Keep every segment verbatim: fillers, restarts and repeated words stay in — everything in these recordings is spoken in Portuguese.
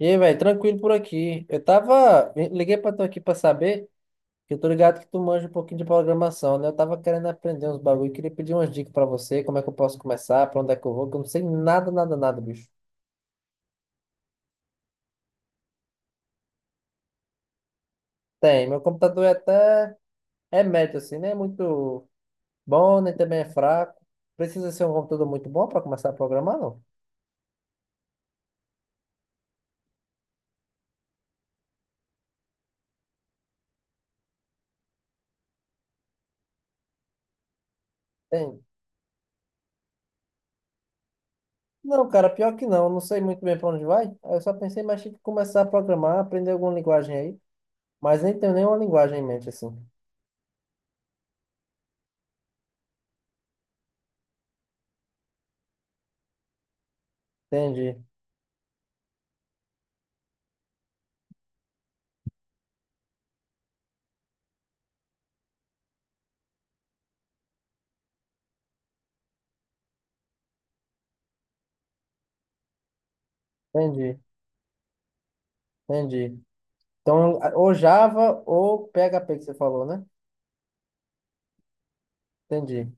E aí, velho, tranquilo por aqui. Eu tava. Liguei pra tu aqui pra saber, que eu tô ligado que tu manja um pouquinho de programação, né? Eu tava querendo aprender uns bagulho, queria pedir umas dicas pra você, como é que eu posso começar, pra onde é que eu vou, que eu não sei nada, nada, nada, bicho. Tem, meu computador é até. É médio, assim, né? É muito bom, nem também é fraco. Precisa ser um computador muito bom pra começar a programar, não? Tem. Não, cara, pior que não, eu não sei muito bem pra onde vai. Aí eu só pensei, mas tinha que começar a programar, aprender alguma linguagem aí, mas nem tenho nenhuma linguagem em mente, assim. Entendi. Entendi, entendi. Então, a- ou Java ou P H P que você falou, né? Entendi,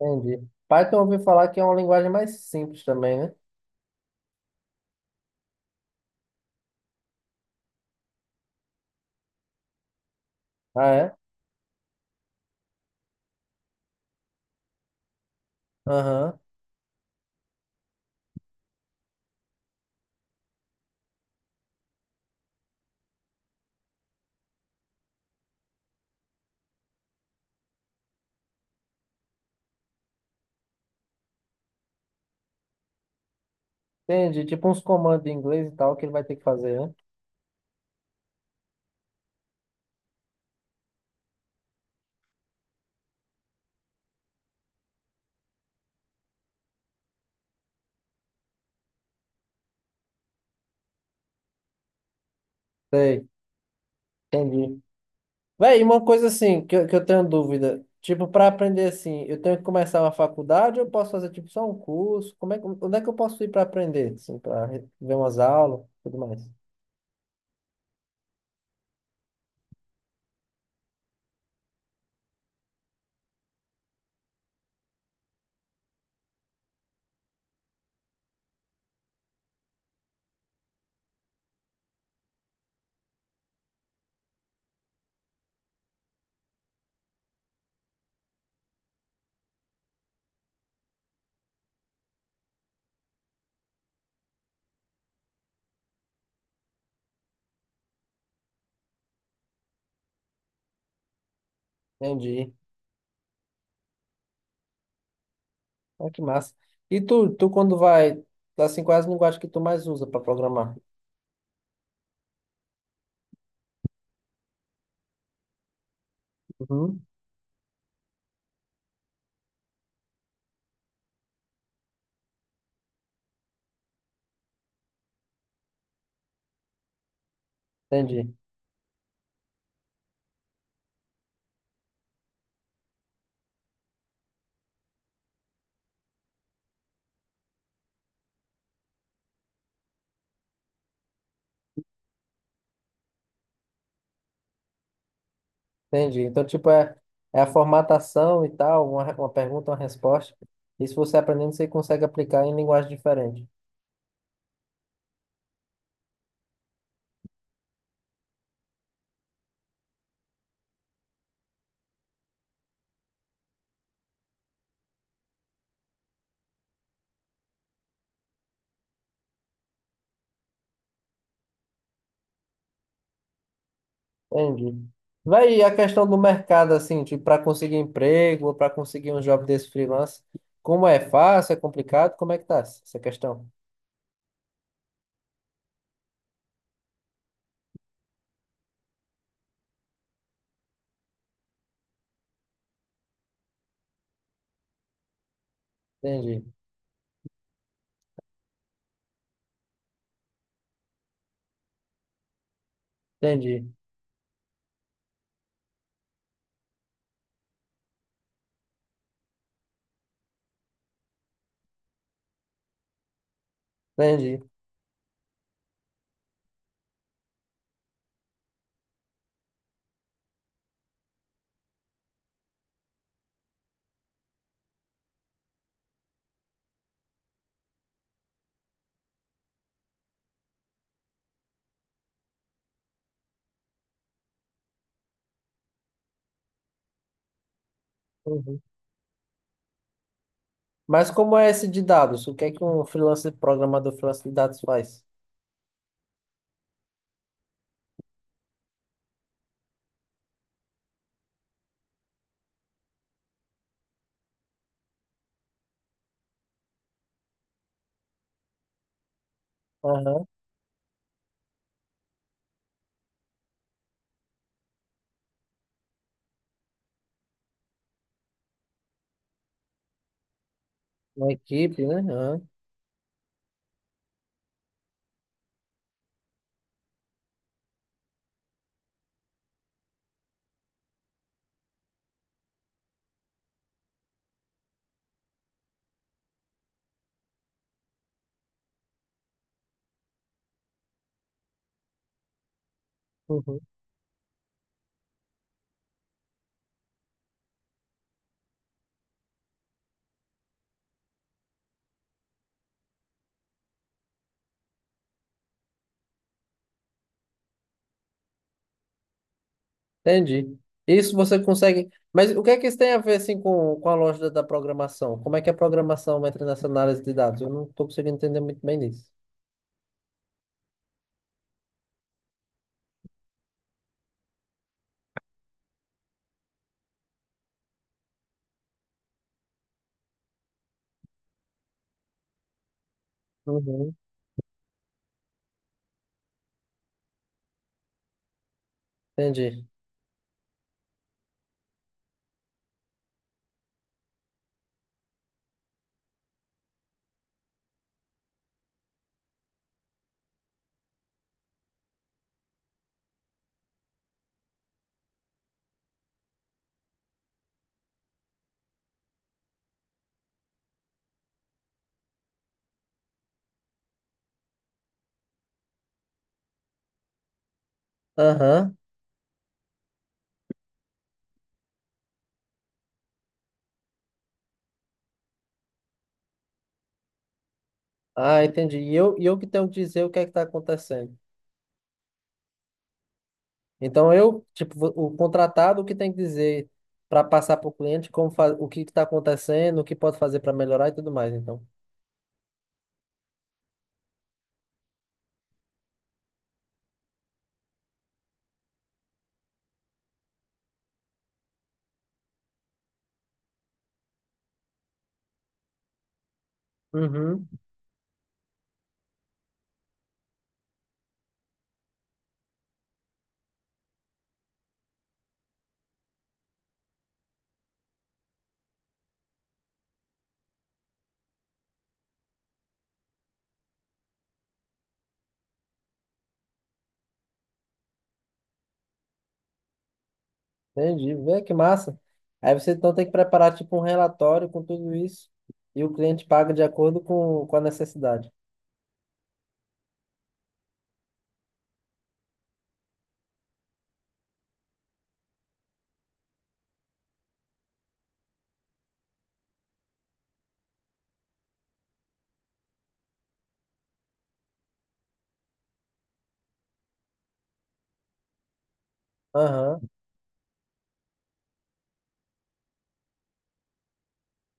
entendi. Python eu ouvi falar que é uma linguagem mais simples também, né? Ah, é? Aham. Entendi. Tipo uns comandos em inglês e tal que ele vai ter que fazer, né? Sei, entendi. Véi, e uma coisa assim que eu, que eu tenho dúvida. Tipo, para aprender assim, eu tenho que começar uma faculdade ou eu posso fazer tipo só um curso? Como é, que- onde é que eu posso ir para aprender? Assim, para ver umas aulas e tudo mais. Entendi. Ah, que massa. E tu, tu quando vai, tá assim, quais as linguagens que tu mais usa para programar? Uhum. Entendi, entendi. Então, tipo, é, é a formatação e tal, uma, re- uma pergunta, uma resposta. E se você aprendendo, você consegue aplicar em linguagem diferente. Entendi. Vai e a questão do mercado, assim, tipo, para conseguir emprego ou para conseguir um job desse freelance, como é fácil, é complicado, como é que tá essa questão? Entendi, entendi, entendi. Uhum. Mas como é esse de dados? O que é que um freelancer, programador freelancer de dados faz? Aham. Uma equipe, né? Aham, uhum. Entendi. Isso você consegue. Mas o que é que isso tem a ver assim com, com a lógica da programação? Como é que a programação entra nessa análise de dados? Eu não estou conseguindo entender muito bem disso. Uhum. Entendi. Aham. Ah, entendi. E eu, e eu que tenho que dizer o que é que está acontecendo. Então eu, tipo, vo- o contratado, o que tem que dizer para passar para o cliente como fa- o que está acontecendo, o que pode fazer para melhorar e tudo mais, então. Uhum, entendi. Vê que massa. Aí você então tem que preparar tipo um relatório com tudo isso e o cliente paga de acordo com, com a necessidade. Aham.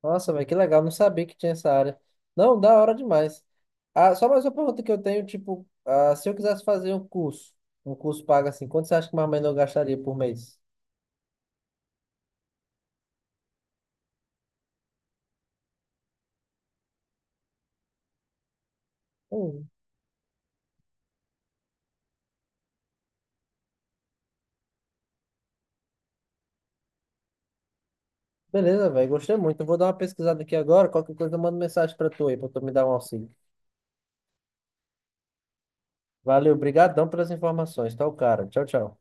Nossa, velho, que legal. Não sabia que tinha essa área. Não, da hora demais. Ah, só mais uma pergunta que eu tenho, tipo, ah, se eu quisesse fazer um curso, um curso pago assim, quanto você acha que mais ou menos eu gastaria por mês? Hum, beleza, velho, gostei muito. Eu vou dar uma pesquisada aqui agora, qualquer coisa eu mando mensagem pra tu aí, pra tu me dar um auxílio. Valeu, brigadão pelas informações. Tá o cara. Tchau, tchau.